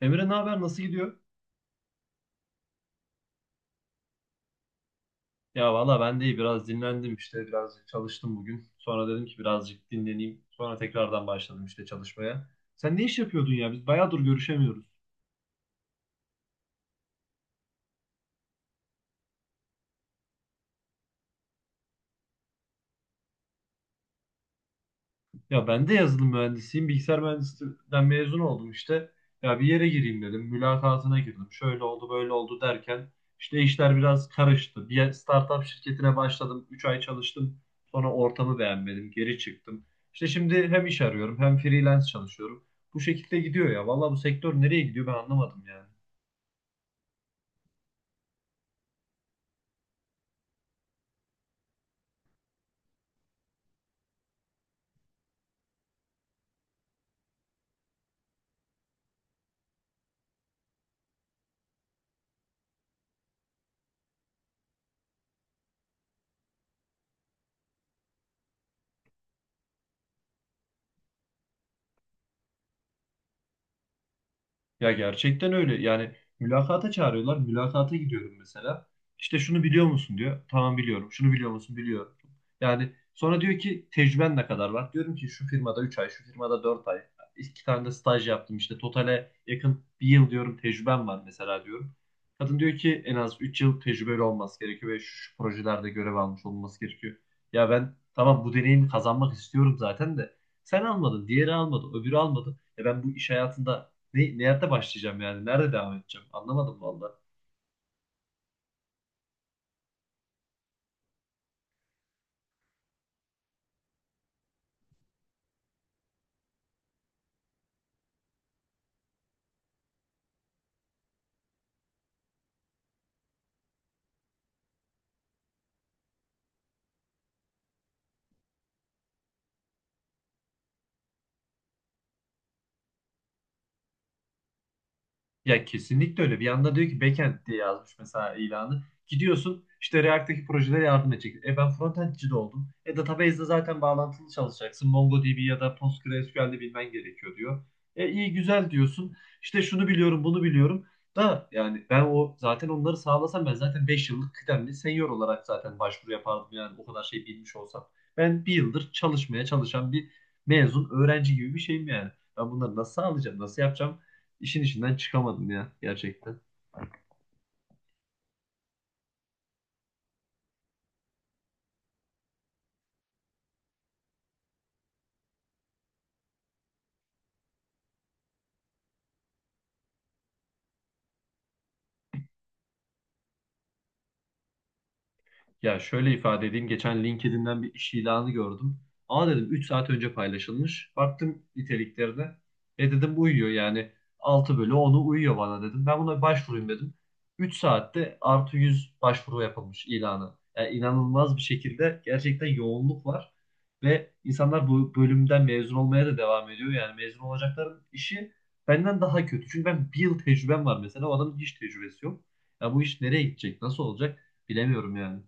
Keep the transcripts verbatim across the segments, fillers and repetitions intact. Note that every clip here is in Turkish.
Emre ne haber? Nasıl gidiyor? Ya valla ben de iyi. Biraz dinlendim işte. Birazcık çalıştım bugün. Sonra dedim ki birazcık dinleneyim. Sonra tekrardan başladım işte çalışmaya. Sen ne iş yapıyordun ya? Biz bayağıdır görüşemiyoruz. Ya ben de yazılım mühendisiyim. Bilgisayar mühendisliğinden mezun oldum işte. Ya bir yere gireyim dedim. Mülakatına girdim. Şöyle oldu böyle oldu derken işte işler biraz karıştı. Bir startup şirketine başladım. üç ay çalıştım. Sonra ortamı beğenmedim. Geri çıktım. İşte şimdi hem iş arıyorum hem freelance çalışıyorum. Bu şekilde gidiyor ya. Vallahi bu sektör nereye gidiyor ben anlamadım yani. Ya gerçekten öyle. Yani mülakata çağırıyorlar. Mülakata gidiyorum mesela. İşte şunu biliyor musun diyor. Tamam biliyorum. Şunu biliyor musun? Biliyorum. Yani sonra diyor ki tecrüben ne kadar var? Diyorum ki şu firmada üç ay, şu firmada dört ay. İki tane de staj yaptım işte. Totale yakın bir yıl diyorum tecrübem var mesela diyorum. Kadın diyor ki en az üç yıl tecrübeli olması gerekiyor ve şu, şu projelerde görev almış olması gerekiyor. Ya ben tamam bu deneyimi kazanmak istiyorum zaten de sen almadın, diğeri almadı, öbürü almadı. E ben bu iş hayatında ne, nerede başlayacağım yani? Nerede devam edeceğim? Anlamadım valla. Ya kesinlikle öyle. Bir yanda diyor ki backend diye yazmış mesela ilanı. Gidiyorsun işte React'teki projelere yardım edecek. E ben frontendçi de oldum. E database'de zaten bağlantılı çalışacaksın. MongoDB ya da PostgreSQL'de bilmen gerekiyor diyor. E iyi güzel diyorsun. İşte şunu biliyorum bunu biliyorum. Da yani ben o zaten onları sağlasam ben zaten beş yıllık kıdemli senior olarak zaten başvuru yapardım yani o kadar şey bilmiş olsam. Ben bir yıldır çalışmaya çalışan bir mezun öğrenci gibi bir şeyim yani. Ben bunları nasıl sağlayacağım, nasıl yapacağım? İşin içinden çıkamadım ya gerçekten. Ya şöyle ifade edeyim. Geçen LinkedIn'den bir iş ilanı gördüm. Aa dedim üç saat önce paylaşılmış. Baktım niteliklerine. E dedim bu uyuyor yani altı bölü onu uyuyor bana dedim. Ben buna başvurayım dedim. Üç saatte artı yüz başvuru yapılmış ilanı. Yani inanılmaz bir şekilde gerçekten yoğunluk var. Ve insanlar bu bölümden mezun olmaya da devam ediyor. Yani mezun olacakların işi benden daha kötü. Çünkü ben bir yıl tecrübem var mesela. O adamın hiç tecrübesi yok. Ya bu iş nereye gidecek? Nasıl olacak? Bilemiyorum yani.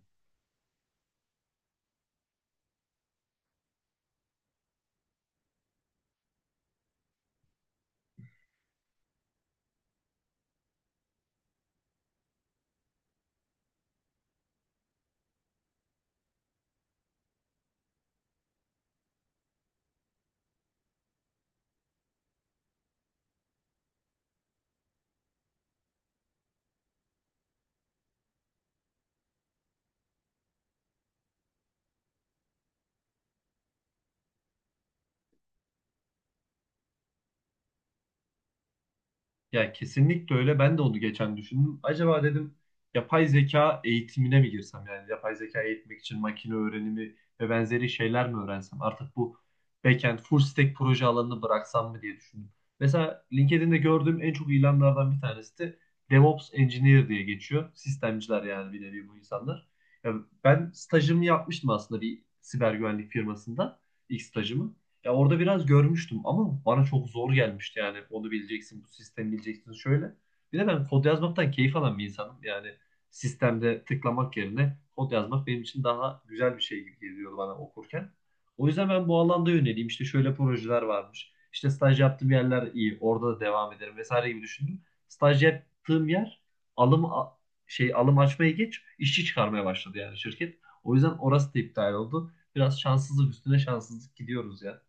Ya kesinlikle öyle. Ben de onu geçen düşündüm. Acaba dedim yapay zeka eğitimine mi girsem? Yani yapay zeka eğitmek için makine öğrenimi ve benzeri şeyler mi öğrensem? Artık bu backend, full stack proje alanını bıraksam mı diye düşündüm. Mesela LinkedIn'de gördüğüm en çok ilanlardan bir tanesi de DevOps Engineer diye geçiyor. Sistemciler yani bir nevi bu insanlar. Ya ben stajımı yapmıştım aslında bir siber güvenlik firmasında. İlk stajımı. Ya orada biraz görmüştüm ama bana çok zor gelmişti yani. Onu bileceksin, bu sistemi bileceksin şöyle. Bir de ben kod yazmaktan keyif alan bir insanım. Yani sistemde tıklamak yerine kod yazmak benim için daha güzel bir şey gibi geliyor bana okurken. O yüzden ben bu alanda yöneleyim. İşte şöyle projeler varmış. İşte staj yaptığım yerler iyi. Orada da devam ederim vesaire gibi düşündüm. Staj yaptığım yer alım a- şey alım açmaya geç işçi çıkarmaya başladı yani şirket. O yüzden orası da iptal oldu. Biraz şanssızlık üstüne şanssızlık gidiyoruz ya.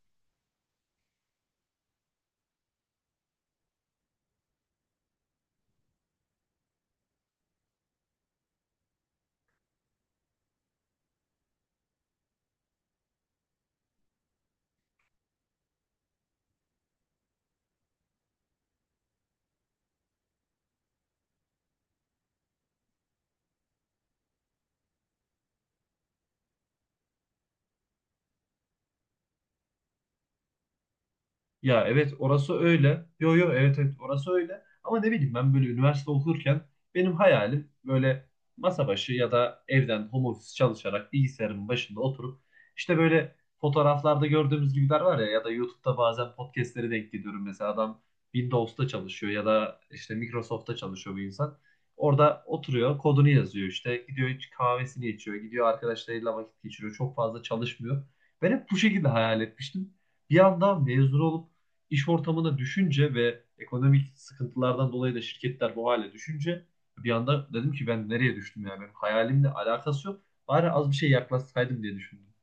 Ya evet orası öyle. Yo yo evet evet orası öyle. Ama ne bileyim ben böyle üniversite okurken benim hayalim böyle masa başı ya da evden home office çalışarak bilgisayarın başında oturup işte böyle fotoğraflarda gördüğümüz gibiler var ya ya da YouTube'da bazen podcastlere denk geliyorum. Mesela adam Windows'ta çalışıyor ya da işte Microsoft'ta çalışıyor bu insan. Orada oturuyor, kodunu yazıyor işte. Gidiyor hiç kahvesini içiyor. Gidiyor arkadaşlarıyla vakit geçiriyor. Çok fazla çalışmıyor. Ben hep bu şekilde hayal etmiştim. Bir anda mezun olup İş ortamına düşünce ve ekonomik sıkıntılardan dolayı da şirketler bu hale düşünce bir anda dedim ki ben nereye düştüm yani benim hayalimle alakası yok. Bari az bir şey yaklaşsaydım diye düşündüm.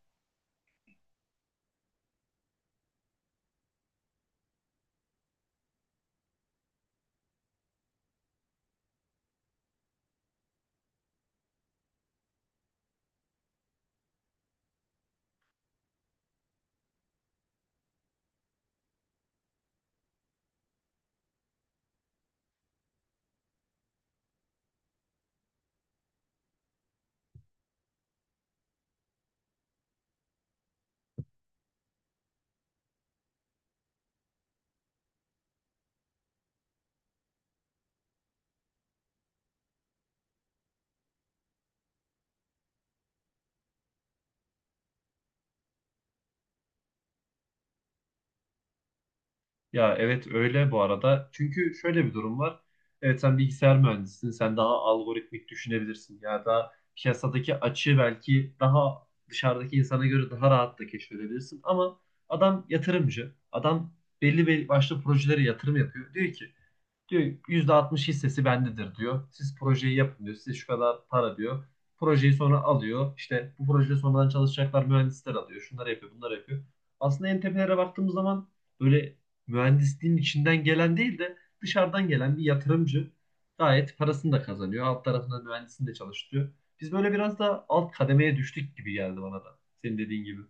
Ya evet öyle bu arada. Çünkü şöyle bir durum var. Evet sen bilgisayar mühendisisin. Sen daha algoritmik düşünebilirsin. Ya da piyasadaki açığı belki daha dışarıdaki insana göre daha rahat da keşfedebilirsin. Ama adam yatırımcı. Adam belli belli başlı projelere yatırım yapıyor. Diyor ki Diyor yüzde altmış hissesi bendedir diyor. Siz projeyi yapın diyor. Size şu kadar para diyor. Projeyi sonra alıyor. İşte bu projede sonradan çalışacaklar mühendisler alıyor. Şunları yapıyor, bunları yapıyor. Aslında en tepelere baktığımız zaman böyle mühendisliğin içinden gelen değil de dışarıdan gelen bir yatırımcı gayet parasını da kazanıyor. Alt tarafında mühendisini de çalıştırıyor. Biz böyle biraz da alt kademeye düştük gibi geldi bana da. Senin dediğin gibi.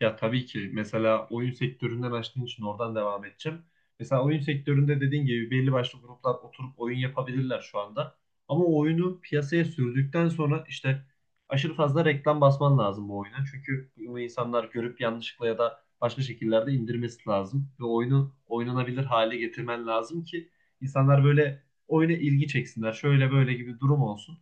Ya tabii ki mesela oyun sektöründen açtığın için oradan devam edeceğim. Mesela oyun sektöründe dediğin gibi belli başlı gruplar oturup oyun yapabilirler şu anda. Ama o oyunu piyasaya sürdükten sonra işte aşırı fazla reklam basman lazım bu oyuna. Çünkü bunu insanlar görüp yanlışlıkla ya da başka şekillerde indirmesi lazım. Ve oyunu oynanabilir hale getirmen lazım ki insanlar böyle oyuna ilgi çeksinler. Şöyle böyle gibi durum olsun.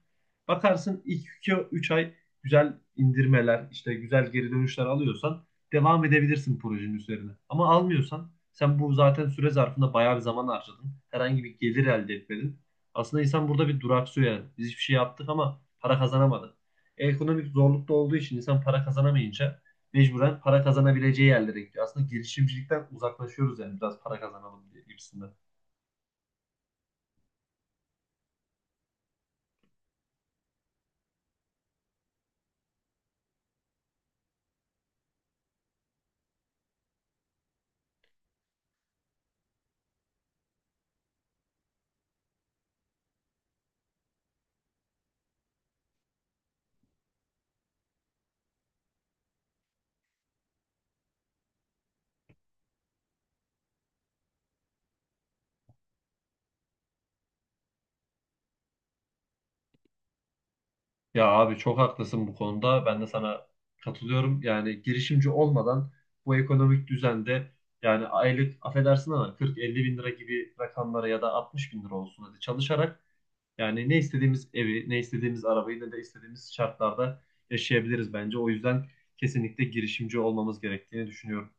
Bakarsın ilk iki üç ay güzel indirmeler, işte güzel geri dönüşler alıyorsan devam edebilirsin projenin üzerine. Ama almıyorsan sen bu zaten süre zarfında bayağı bir zaman harcadın. Herhangi bir gelir elde etmedin. Aslında insan burada bir duraksıyor yani. Biz hiçbir şey yaptık ama para kazanamadık. Ekonomik zorlukta olduğu için insan para kazanamayınca mecburen para kazanabileceği yerlere gidiyor. Aslında girişimcilikten uzaklaşıyoruz yani biraz para kazanalım diye gibisinden. Ya abi çok haklısın bu konuda. Ben de sana katılıyorum. Yani girişimci olmadan bu ekonomik düzende yani aylık affedersin ama kırk elli bin lira gibi rakamlara ya da altmış bin lira olsun hadi çalışarak yani ne istediğimiz evi, ne istediğimiz arabayı, ne de istediğimiz şartlarda yaşayabiliriz bence. O yüzden kesinlikle girişimci olmamız gerektiğini düşünüyorum.